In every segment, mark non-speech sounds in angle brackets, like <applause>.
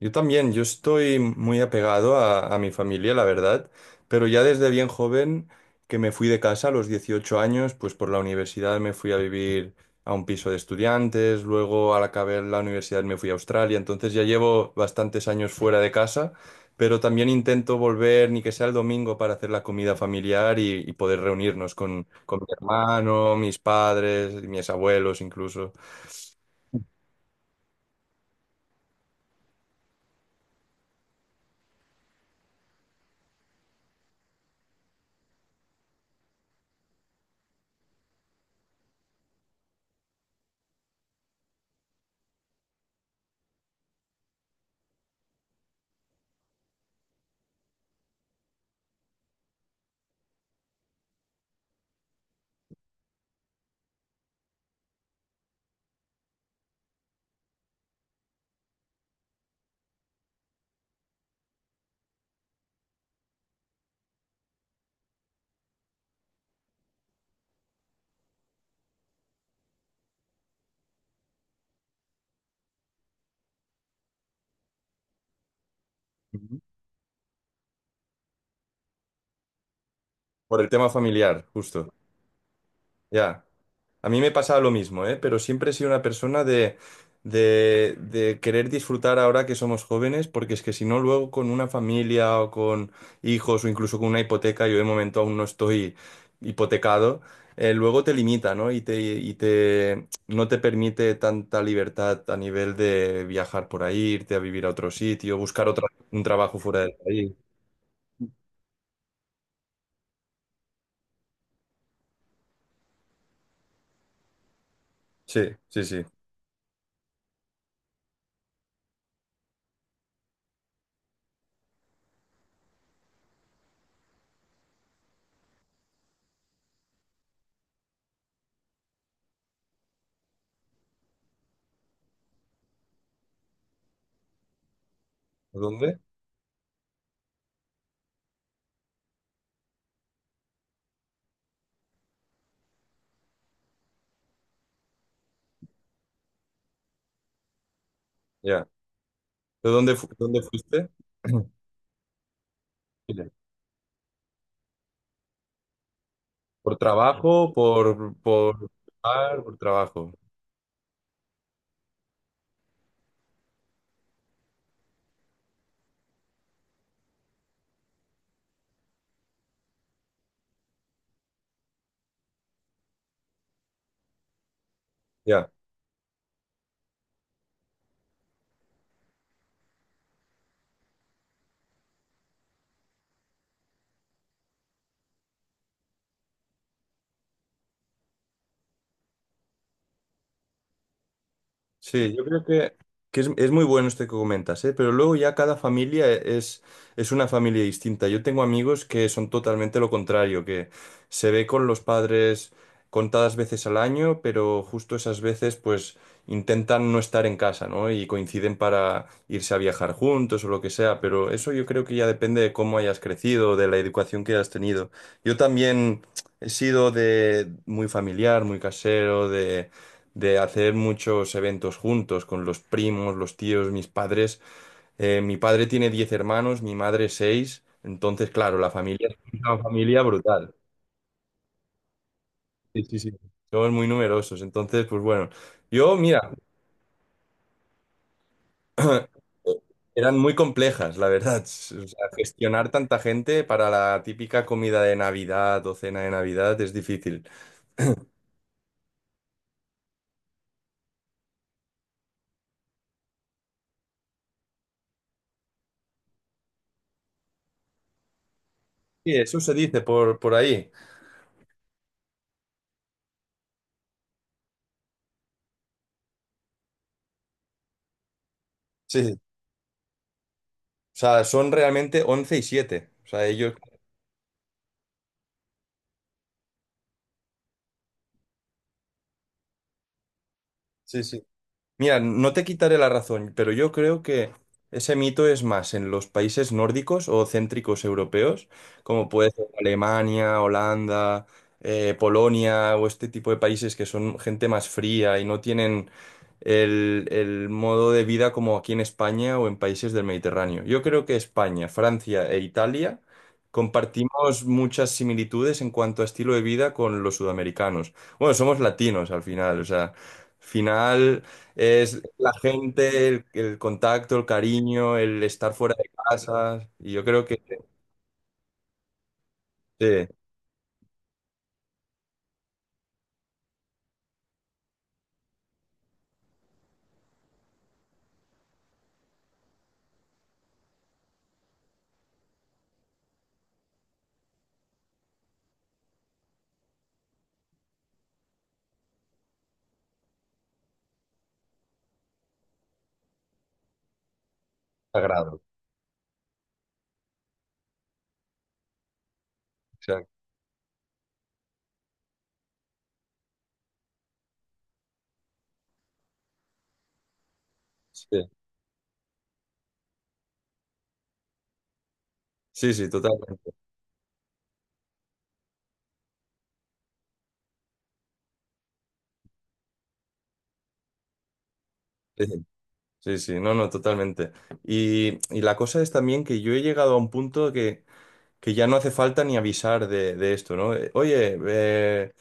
Yo también, yo estoy muy apegado a mi familia, la verdad, pero ya desde bien joven que me fui de casa a los 18 años, pues por la universidad me fui a vivir a un piso de estudiantes, luego al acabar la universidad me fui a Australia, entonces ya llevo bastantes años fuera de casa, pero también intento volver, ni que sea el domingo, para hacer la comida familiar y poder reunirnos con mi hermano, mis padres, mis abuelos incluso. Ujú. Por el tema familiar, justo, ya. A mí me pasaba lo mismo, ¿eh? Pero siempre he sido una persona de, de querer disfrutar ahora que somos jóvenes, porque es que si no, luego con una familia o con hijos o incluso con una hipoteca, yo de momento aún no estoy hipotecado. Luego te limita, ¿no? Y te, no te permite tanta libertad a nivel de viajar por ahí, irte a vivir a otro sitio, buscar otra, un trabajo fuera del país. Sí, sí, sí. ¿Dónde? Ya. ¿De dónde, dónde fuiste? <clears throat> Por trabajo, por trabajo. Ya. Sí, yo creo que es muy bueno esto que comentas, ¿eh? Pero luego ya cada familia es una familia distinta. Yo tengo amigos que son totalmente lo contrario, que se ve con los padres contadas veces al año, pero justo esas veces pues intentan no estar en casa, ¿no? Y coinciden para irse a viajar juntos o lo que sea, pero eso yo creo que ya depende de cómo hayas crecido, de la educación que hayas tenido. Yo también he sido de muy familiar, muy casero, de hacer muchos eventos juntos con los primos, los tíos, mis padres. Mi padre tiene 10 hermanos, mi madre seis, entonces, claro, la familia es una familia brutal. Sí, sí, sí. Somos muy numerosos, entonces, pues bueno, yo, mira, eh, eran muy complejas, la verdad. <laughs> O sea, gestionar tanta gente para la típica comida de Navidad o cena de Navidad es difícil. Sí, eso se dice por ahí. Sí, sí. O sea, son realmente 11 y siete. O sea, ellos... Sí, sí. Mira, no te quitaré la razón, pero yo creo que ese mito es más en los países nórdicos o céntricos europeos, como puede ser Alemania, Holanda, Polonia o este tipo de países que son gente más fría y no tienen el modo de vida como aquí en España o en países del Mediterráneo. Yo creo que España, Francia e Italia compartimos muchas similitudes en cuanto a estilo de vida con los sudamericanos. Bueno, somos latinos al final, o sea, al final... Es la gente, el contacto, el cariño, el estar fuera de casa. Y yo creo que sí, sagrado. Exacto. Sí, sí, sí, totalmente. Sí, sí, sí, no, no, totalmente. Y la cosa es también que yo he llegado a un punto que ya no hace falta ni avisar de esto, ¿no? Oye,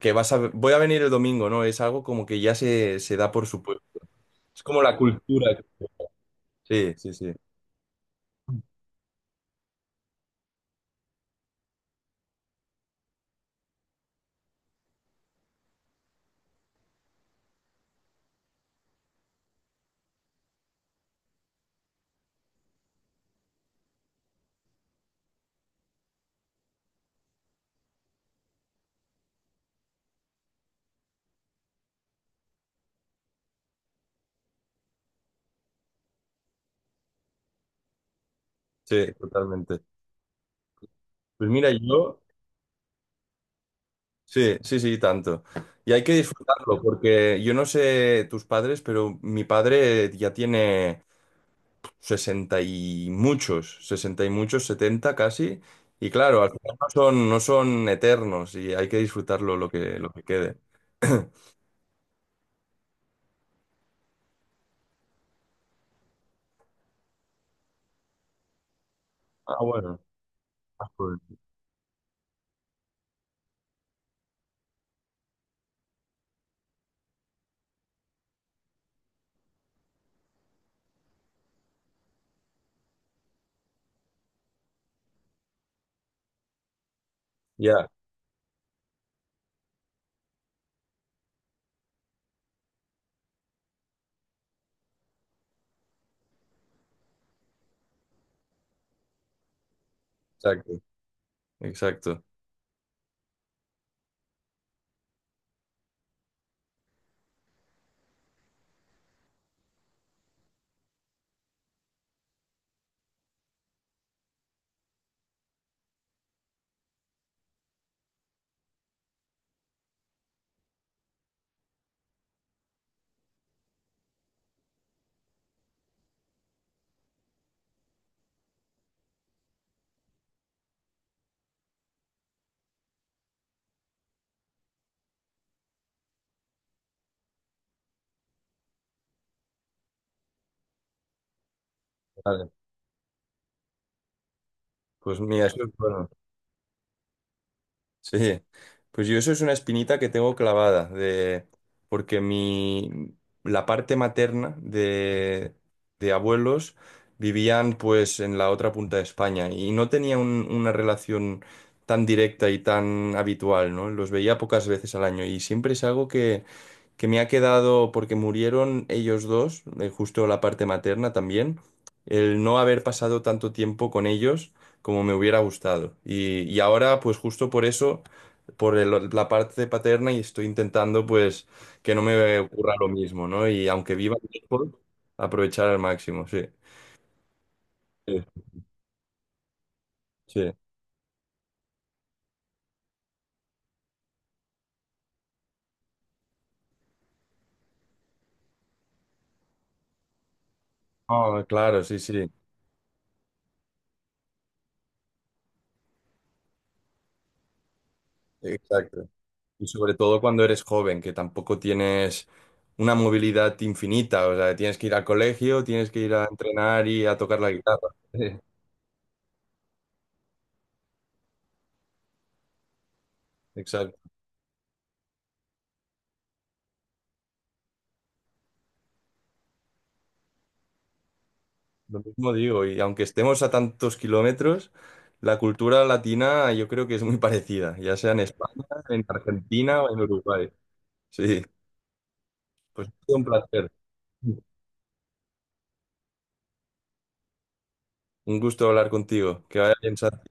que vas a, voy a venir el domingo, ¿no? Es algo como que ya se da por supuesto. Es como la cultura. Sí, sí, sí, sí, totalmente. Pues mira, yo... Sí, sí, sí, tanto. Y hay que disfrutarlo, porque yo no sé tus padres, pero mi padre ya tiene 60 y muchos, 70 casi. Y claro, al final no son eternos y hay que disfrutarlo lo que quede. <clears throat> Ah, bueno. Ah, pues, ya, exacto, exacto. Vale, pues mira, eso es bueno. Sí, pues yo eso es una espinita que tengo clavada, porque la parte materna de, abuelos vivían pues en la otra punta de España y no tenía una relación tan directa y tan habitual, ¿no? Los veía pocas veces al año y siempre es algo que me ha quedado, porque murieron ellos dos, justo la parte materna también, el no haber pasado tanto tiempo con ellos como me hubiera gustado. Y ahora, pues justo por eso, por la parte paterna, y estoy intentando, pues, que no me ocurra lo mismo, ¿no? Y aunque viva lejos, aprovechar al máximo, sí. Sí, sí. Ah, claro, sí, sí, exacto. Y sobre todo cuando eres joven, que tampoco tienes una movilidad infinita, o sea, tienes que ir al colegio, tienes que ir a entrenar y a tocar la guitarra. <laughs> Sí, exacto. Lo mismo digo, y aunque estemos a tantos kilómetros, la cultura latina yo creo que es muy <laughs> parecida, ya sea en España, en Argentina o en Uruguay. Sí, pues ha sido un placer. Un gusto hablar contigo. Que vaya bien, Santi.